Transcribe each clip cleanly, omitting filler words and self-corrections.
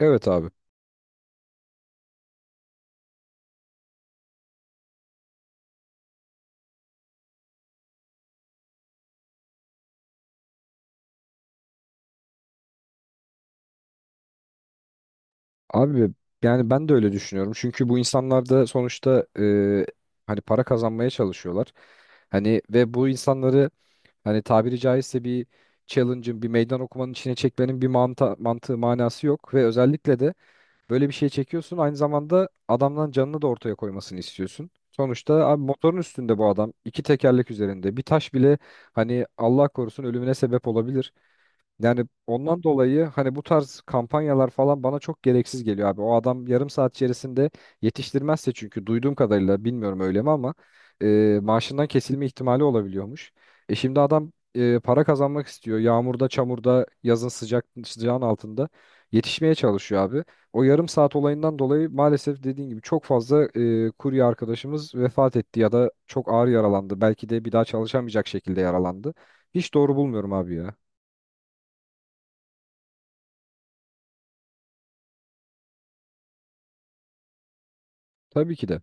Evet abi. Abi yani ben de öyle düşünüyorum. Çünkü bu insanlar da sonuçta hani para kazanmaya çalışıyorlar. Hani ve bu insanları hani tabiri caizse bir challenge'ın, bir meydan okumanın içine çekmenin bir mantığı, manası yok. Ve özellikle de böyle bir şey çekiyorsun. Aynı zamanda adamdan canını da ortaya koymasını istiyorsun. Sonuçta abi motorun üstünde bu adam. İki tekerlek üzerinde. Bir taş bile hani Allah korusun ölümüne sebep olabilir. Yani ondan dolayı hani bu tarz kampanyalar falan bana çok gereksiz geliyor abi. O adam yarım saat içerisinde yetiştirmezse çünkü duyduğum kadarıyla bilmiyorum öyle mi ama maaşından kesilme ihtimali olabiliyormuş. Şimdi adam para kazanmak istiyor. Yağmurda, çamurda, yazın sıcak sıcağın altında yetişmeye çalışıyor abi. O yarım saat olayından dolayı maalesef dediğin gibi çok fazla kurye arkadaşımız vefat etti ya da çok ağır yaralandı. Belki de bir daha çalışamayacak şekilde yaralandı. Hiç doğru bulmuyorum abi ya. Tabii ki de.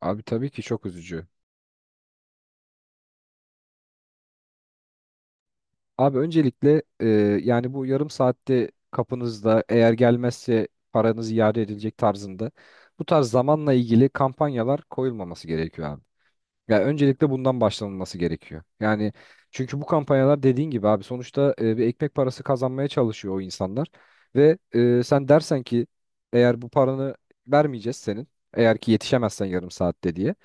Abi tabii ki çok üzücü. Abi öncelikle yani bu yarım saatte kapınızda eğer gelmezse paranız iade edilecek tarzında bu tarz zamanla ilgili kampanyalar koyulmaması gerekiyor abi. Ya öncelikle bundan başlanılması gerekiyor. Yani çünkü bu kampanyalar dediğin gibi abi sonuçta bir ekmek parası kazanmaya çalışıyor o insanlar. Ve sen dersen ki eğer bu paranı vermeyeceğiz senin eğer ki yetişemezsen yarım saatte diye.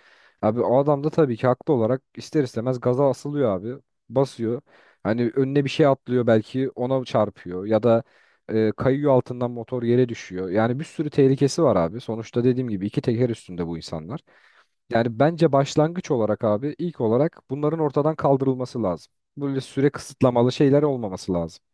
Abi o adam da tabii ki haklı olarak ister istemez gaza asılıyor abi basıyor. Hani önüne bir şey atlıyor belki ona çarpıyor ya da kayıyor altından motor yere düşüyor. Yani bir sürü tehlikesi var abi. Sonuçta dediğim gibi iki teker üstünde bu insanlar. Yani bence başlangıç olarak abi ilk olarak bunların ortadan kaldırılması lazım. Böyle süre kısıtlamalı şeyler olmaması lazım.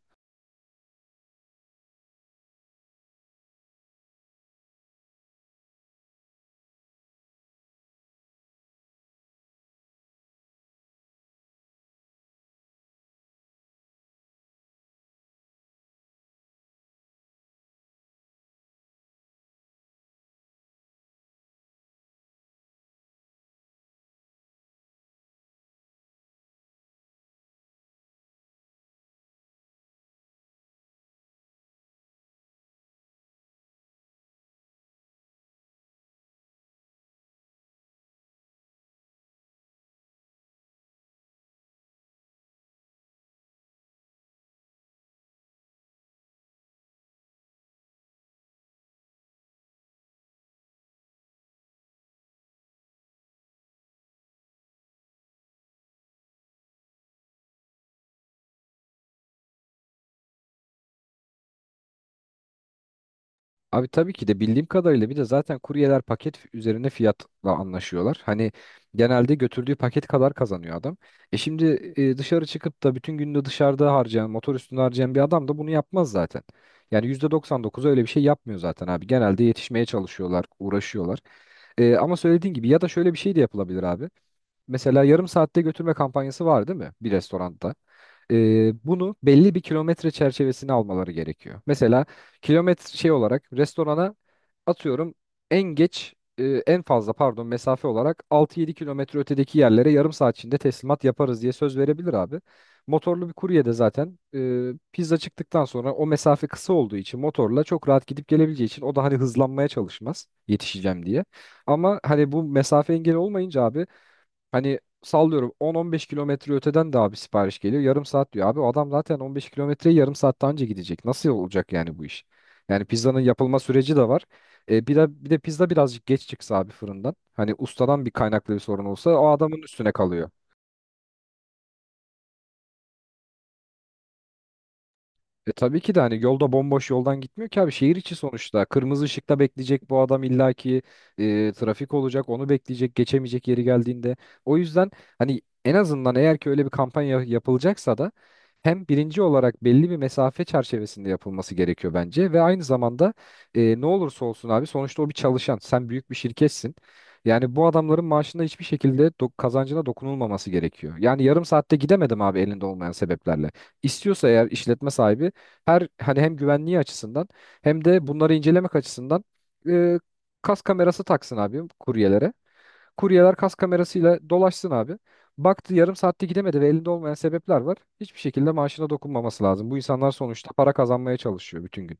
Abi tabii ki de bildiğim kadarıyla bir de zaten kuryeler paket üzerine fiyatla anlaşıyorlar. Hani genelde götürdüğü paket kadar kazanıyor adam. Şimdi dışarı çıkıp da bütün günde dışarıda harcayan, motor üstünde harcayan bir adam da bunu yapmaz zaten. Yani %99 öyle bir şey yapmıyor zaten abi. Genelde yetişmeye çalışıyorlar, uğraşıyorlar. Ama söylediğin gibi ya da şöyle bir şey de yapılabilir abi. Mesela yarım saatte götürme kampanyası var değil mi bir restoranda? Bunu belli bir kilometre çerçevesine almaları gerekiyor. Mesela kilometre şey olarak restorana atıyorum en geç en fazla pardon mesafe olarak 6-7 kilometre ötedeki yerlere yarım saat içinde teslimat yaparız diye söz verebilir abi. Motorlu bir kurye de zaten pizza çıktıktan sonra o mesafe kısa olduğu için motorla çok rahat gidip gelebileceği için o da hani hızlanmaya çalışmaz yetişeceğim diye. Ama hani bu mesafe engeli olmayınca abi. Hani sallıyorum 10-15 kilometre öteden de abi sipariş geliyor. Yarım saat diyor. Abi o adam zaten 15 kilometreyi yarım saatten önce gidecek. Nasıl olacak yani bu iş? Yani pizzanın yapılma süreci de var. Bir de pizza birazcık geç çıksa abi fırından. Hani ustadan bir kaynaklı bir sorun olsa o adamın üstüne kalıyor. Tabii ki de hani yolda bomboş yoldan gitmiyor ki abi şehir içi sonuçta. Kırmızı ışıkta bekleyecek bu adam illaki trafik olacak onu bekleyecek geçemeyecek yeri geldiğinde. O yüzden hani en azından eğer ki öyle bir kampanya yapılacaksa da hem birinci olarak belli bir mesafe çerçevesinde yapılması gerekiyor bence ve aynı zamanda ne olursa olsun abi sonuçta o bir çalışan sen büyük bir şirketsin. Yani bu adamların maaşında hiçbir şekilde kazancına dokunulmaması gerekiyor. Yani yarım saatte gidemedim abi elinde olmayan sebeplerle. İstiyorsa eğer işletme sahibi her hani hem güvenliği açısından hem de bunları incelemek açısından e, kas kamerası taksın abi kuryelere. Kuryeler kas kamerasıyla dolaşsın abi. Baktı yarım saatte gidemedi ve elinde olmayan sebepler var. Hiçbir şekilde maaşına dokunmaması lazım. Bu insanlar sonuçta para kazanmaya çalışıyor bütün gün.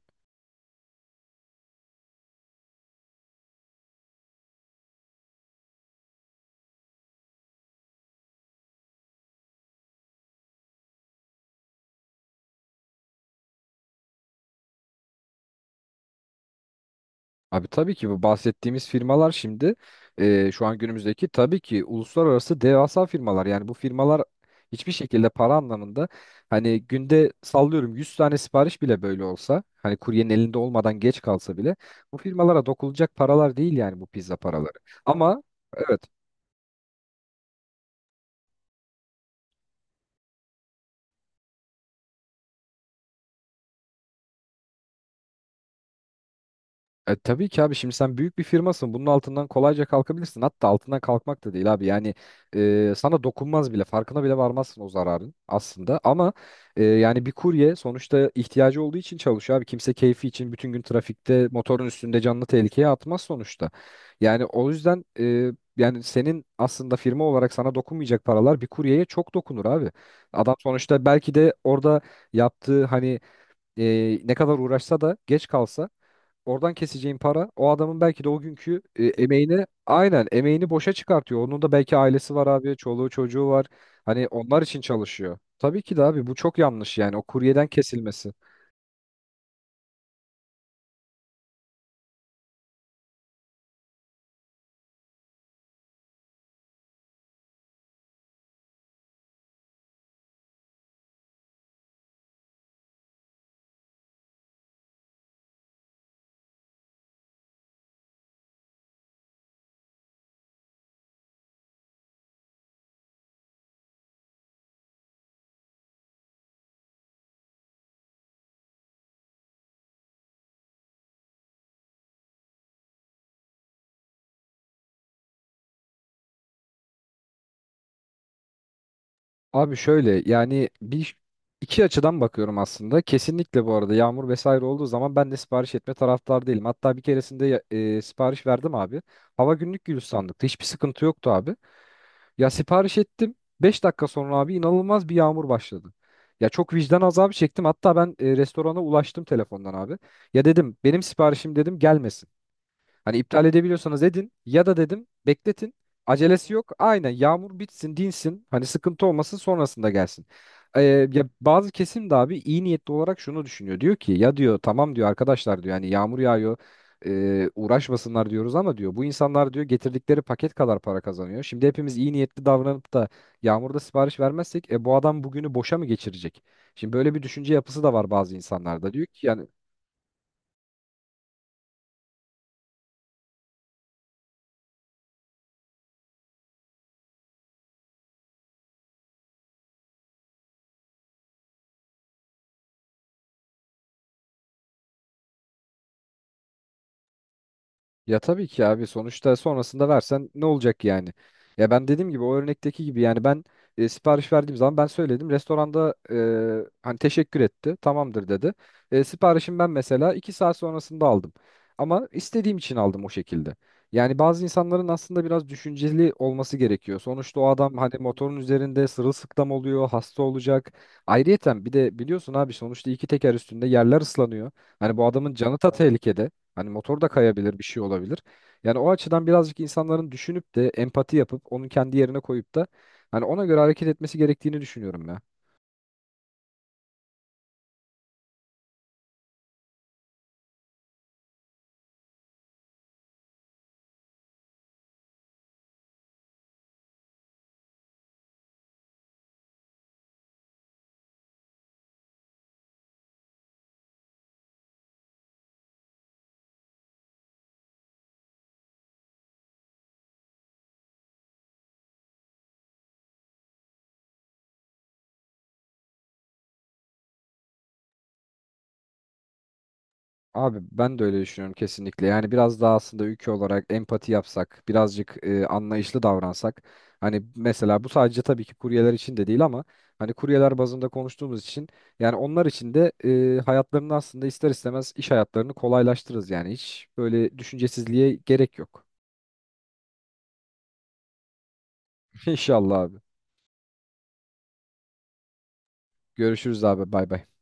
Abi tabii ki bu bahsettiğimiz firmalar şimdi şu an günümüzdeki tabii ki uluslararası devasa firmalar. Yani bu firmalar hiçbir şekilde para anlamında hani günde sallıyorum 100 tane sipariş bile böyle olsa hani kuryenin elinde olmadan geç kalsa bile bu firmalara dokunulacak paralar değil yani bu pizza paraları. Ama evet. Tabii ki abi şimdi sen büyük bir firmasın. Bunun altından kolayca kalkabilirsin. Hatta altından kalkmak da değil abi. Yani sana dokunmaz bile. Farkına bile varmazsın o zararın aslında. Ama yani bir kurye sonuçta ihtiyacı olduğu için çalışıyor abi. Kimse keyfi için bütün gün trafikte motorun üstünde canlı tehlikeye atmaz sonuçta. Yani o yüzden yani senin aslında firma olarak sana dokunmayacak paralar bir kuryeye çok dokunur abi. Adam sonuçta belki de orada yaptığı hani ne kadar uğraşsa da geç kalsa. Oradan keseceğin para o adamın belki de o günkü emeğini aynen emeğini boşa çıkartıyor. Onun da belki ailesi var abi, çoluğu çocuğu var. Hani onlar için çalışıyor. Tabii ki de abi bu çok yanlış yani o kuryeden kesilmesi. Abi şöyle yani bir iki açıdan bakıyorum aslında. Kesinlikle bu arada yağmur vesaire olduğu zaman ben de sipariş etme taraftar değilim. Hatta bir keresinde sipariş verdim abi. Hava günlük gülistanlıktı. Hiçbir sıkıntı yoktu abi. Ya sipariş ettim. 5 dakika sonra abi inanılmaz bir yağmur başladı. Ya çok vicdan azabı çektim. Hatta ben restorana ulaştım telefondan abi. Ya dedim benim siparişim dedim gelmesin. Hani iptal edebiliyorsanız edin ya da dedim bekletin. Acelesi yok. Aynen yağmur bitsin, dinsin. Hani sıkıntı olmasın sonrasında gelsin. Ee, ya bazı kesim de abi iyi niyetli olarak şunu düşünüyor. Diyor ki ya diyor tamam diyor arkadaşlar diyor yani yağmur yağıyor. Uğraşmasınlar diyoruz ama diyor bu insanlar diyor getirdikleri paket kadar para kazanıyor. Şimdi hepimiz iyi niyetli davranıp da yağmurda sipariş vermezsek bu adam bugünü boşa mı geçirecek? Şimdi böyle bir düşünce yapısı da var bazı insanlarda. Diyor ki yani. Ya tabii ki abi sonuçta sonrasında versen ne olacak yani? Ya ben dediğim gibi o örnekteki gibi yani ben sipariş verdiğim zaman ben söyledim. Restoranda hani teşekkür etti tamamdır dedi. Siparişimi ben mesela 2 saat sonrasında aldım. Ama istediğim için aldım o şekilde. Yani bazı insanların aslında biraz düşünceli olması gerekiyor. Sonuçta o adam hani motorun üzerinde sırılsıklam oluyor, hasta olacak. Ayrıyeten bir de biliyorsun abi sonuçta iki teker üstünde yerler ıslanıyor. Hani bu adamın canı da tehlikede. Hani motor da kayabilir, bir şey olabilir. Yani o açıdan birazcık insanların düşünüp de empati yapıp onun kendi yerine koyup da hani ona göre hareket etmesi gerektiğini düşünüyorum ya. Abi ben de öyle düşünüyorum kesinlikle. Yani biraz daha aslında ülke olarak empati yapsak, birazcık anlayışlı davransak. Hani mesela bu sadece tabii ki kuryeler için de değil ama hani kuryeler bazında konuştuğumuz için yani onlar için de hayatlarını aslında ister istemez iş hayatlarını kolaylaştırırız yani hiç böyle düşüncesizliğe gerek yok. İnşallah abi. Görüşürüz abi. Bay bay.